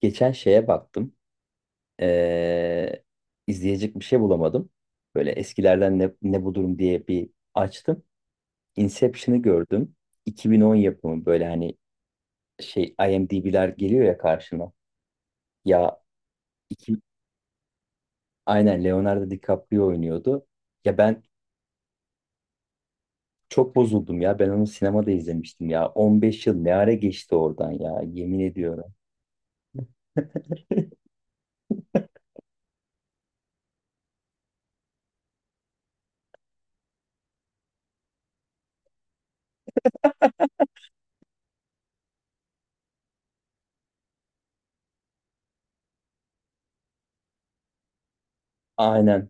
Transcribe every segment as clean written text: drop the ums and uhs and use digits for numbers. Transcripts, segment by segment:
Geçen şeye baktım. Ee, izleyecek bir şey bulamadım. Böyle eskilerden ne bu durum diye bir açtım. Inception'ı gördüm. 2010 yapımı böyle hani şey IMDb'ler geliyor ya karşına. Ya iki, aynen Leonardo DiCaprio oynuyordu. Ya ben çok bozuldum ya. Ben onu sinemada izlemiştim ya. 15 yıl ne ara geçti oradan ya yemin ediyorum. Aynen.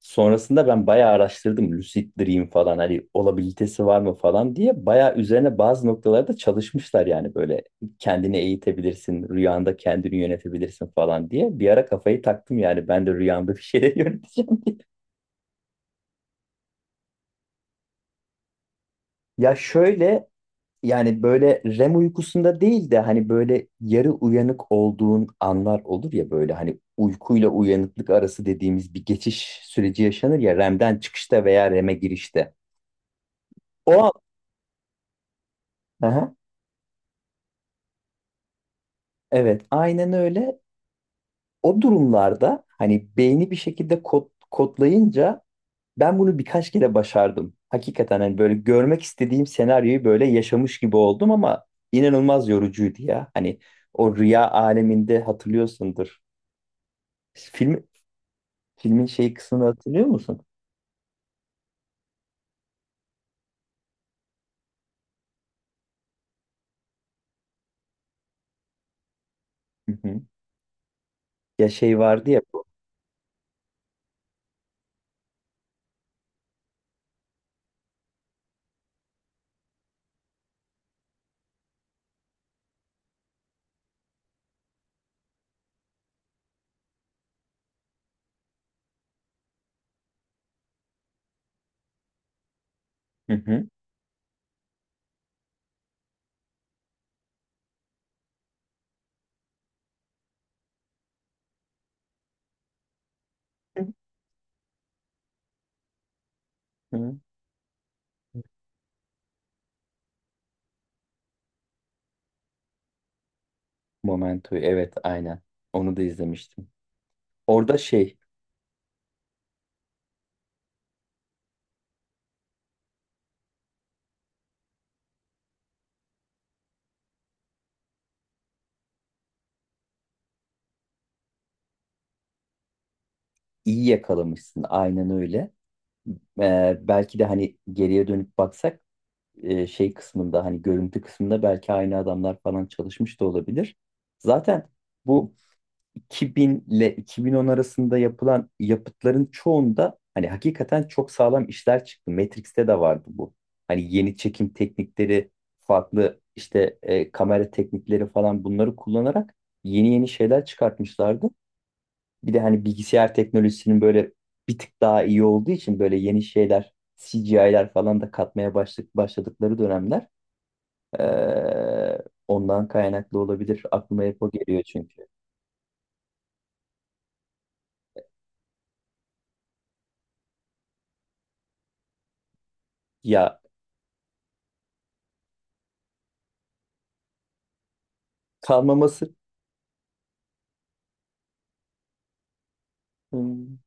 Sonrasında ben bayağı araştırdım lucid dream falan hani olabilitesi var mı falan diye bayağı üzerine bazı noktalarda çalışmışlar yani böyle kendini eğitebilirsin rüyanda kendini yönetebilirsin falan diye bir ara kafayı taktım yani ben de rüyamda bir şeyler yöneteceğim diye. Ya şöyle, yani böyle REM uykusunda değil de hani böyle yarı uyanık olduğun anlar olur ya, böyle hani uykuyla uyanıklık arası dediğimiz bir geçiş süreci yaşanır ya, REM'den çıkışta veya REM'e girişte. O an, evet, aynen öyle. O durumlarda hani beyni bir şekilde kodlayınca ben bunu birkaç kere başardım. Hakikaten hani böyle görmek istediğim senaryoyu böyle yaşamış gibi oldum ama inanılmaz yorucuydu ya. Hani o rüya aleminde hatırlıyorsundur. Film, filmin şey kısmını hatırlıyor musun? Hı hı. Ya şey vardı ya bu. Hı hı. Hı hı. Momento'yu, evet, aynen. Onu da izlemiştim. Orada şey, iyi yakalamışsın, aynen öyle. Belki de hani geriye dönüp baksak, şey kısmında hani görüntü kısmında belki aynı adamlar falan çalışmış da olabilir. Zaten bu 2000 ile 2010 arasında yapılan yapıtların çoğunda hani hakikaten çok sağlam işler çıktı. Matrix'te de vardı bu. Hani yeni çekim teknikleri, farklı işte kamera teknikleri falan, bunları kullanarak yeni yeni şeyler çıkartmışlardı. Bir de hani bilgisayar teknolojisinin böyle bir tık daha iyi olduğu için böyle yeni şeyler, CGI'ler falan da başladıkları dönemler, ee, ondan kaynaklı olabilir. Aklıma hep o geliyor çünkü. Ya kalmaması. Hmm,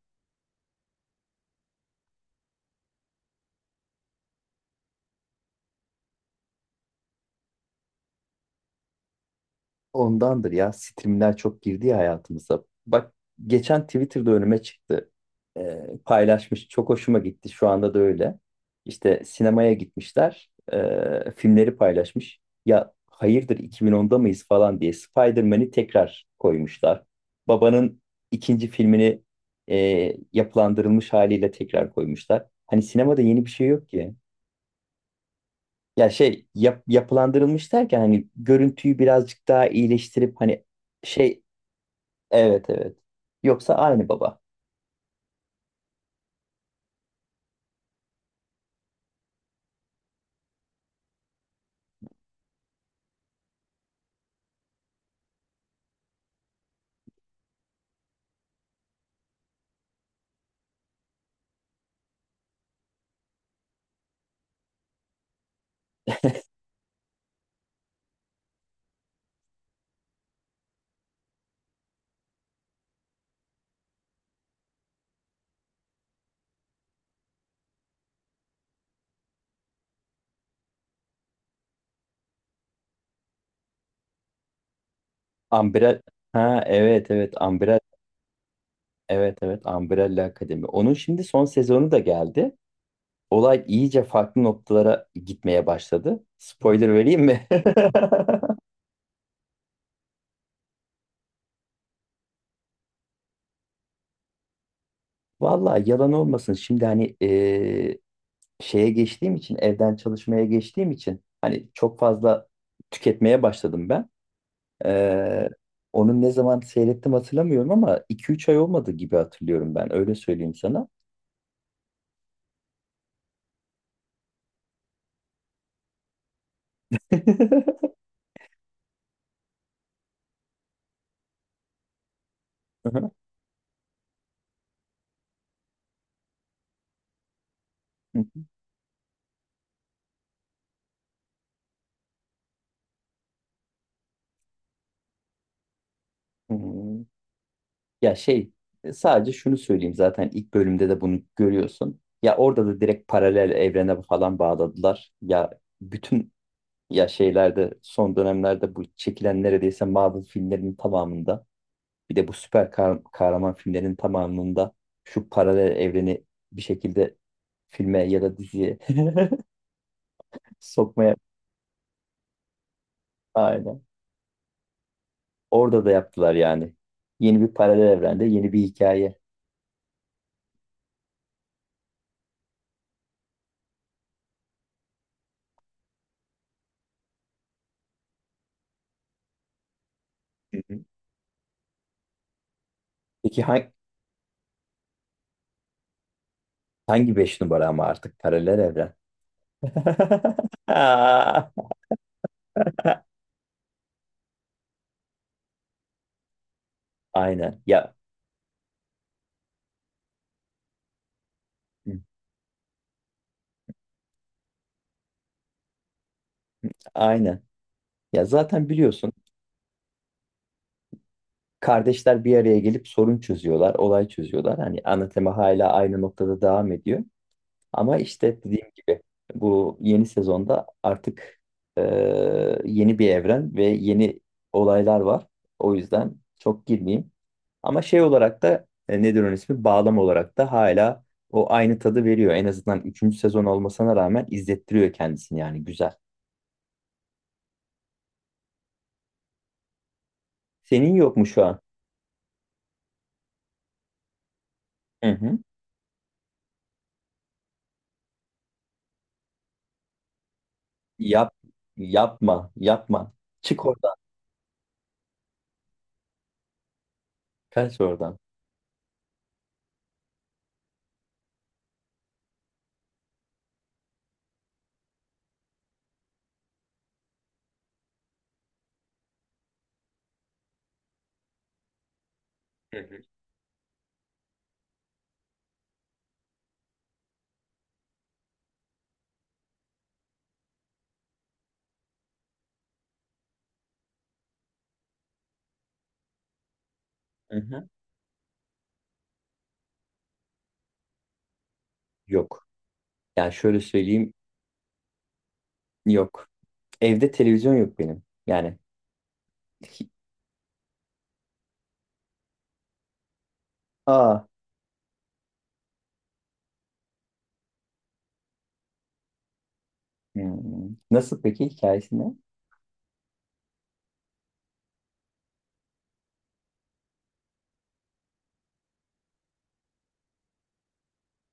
ondandır ya. Streamler çok girdi ya hayatımıza. Bak, geçen Twitter'da önüme çıktı. Paylaşmış. Çok hoşuma gitti. Şu anda da öyle. İşte sinemaya gitmişler. Filmleri paylaşmış. Ya hayırdır, 2010'da mıyız falan diye Spider-Man'i tekrar koymuşlar. Babanın ikinci filmini, e, yapılandırılmış haliyle tekrar koymuşlar. Hani sinemada yeni bir şey yok ki. Ya şey, yapılandırılmış derken hani görüntüyü birazcık daha iyileştirip hani şey, evet evet. Yoksa aynı baba. Umbrella, ha, evet evet, Umbrella, evet evet, Umbrella Akademi. Onun şimdi son sezonu da geldi. Olay iyice farklı noktalara gitmeye başladı. Spoiler vereyim mi? Vallahi yalan olmasın. Şimdi hani şeye geçtiğim için, evden çalışmaya geçtiğim için hani çok fazla tüketmeye başladım ben. Eee Onun ne zaman seyrettim hatırlamıyorum ama iki üç ay olmadı gibi hatırlıyorum ben. Öyle söyleyeyim sana. Hı hı. Ya şey, sadece şunu söyleyeyim, zaten ilk bölümde de bunu görüyorsun. Ya orada da direkt paralel evrene falan bağladılar. Ya bütün, ya şeylerde son dönemlerde bu çekilen neredeyse Marvel filmlerinin tamamında, bir de bu süper kahraman filmlerinin tamamında şu paralel evreni bir şekilde filme ya da diziye sokmaya, aynen. Orada da yaptılar yani. Yeni bir paralel evrende yeni bir hikaye. Hı hı. Peki hangi beş numara ama artık paralel evren? Aa, aynen. Ya hı, aynen. Ya zaten biliyorsun, kardeşler bir araya gelip sorun çözüyorlar, olay çözüyorlar. Hani ana tema hala aynı noktada devam ediyor. Ama işte dediğim gibi bu yeni sezonda artık e, yeni bir evren ve yeni olaylar var. O yüzden çok girmeyeyim. Ama şey olarak da, nedir onun ismi, bağlam olarak da hala o aynı tadı veriyor. En azından üçüncü sezon olmasına rağmen izlettiriyor kendisini, yani güzel. Senin yok mu şu an? Hı hı. Yap, yapma, yapma. Çık oradan, kaç oradan. Hı hı. Hı hı. Yok. Yani şöyle söyleyeyim, yok. Evde televizyon yok benim. Yani, aa. Hmm. Nasıl peki, hikayesi ne?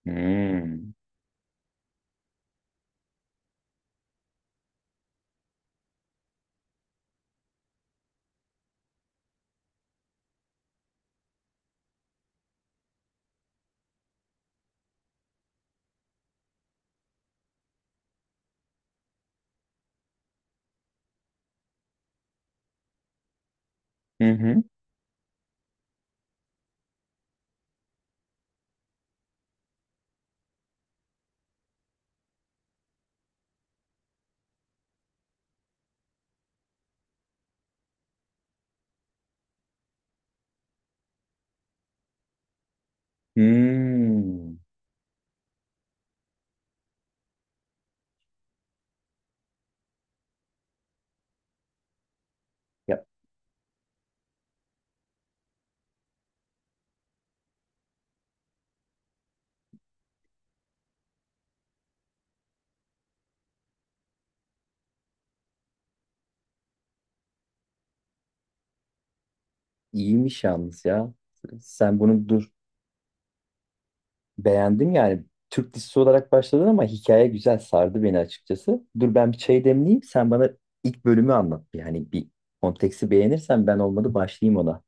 Hmm. Hı hı. Hmm. Ya iyiymiş yalnız ya. Sen bunu dur. Beğendim yani. Türk dizisi olarak başladın ama hikaye güzel sardı beni açıkçası. Dur ben bir çay demleyeyim. Sen bana ilk bölümü anlat. Yani bir konteksti beğenirsen ben olmadı başlayayım ona.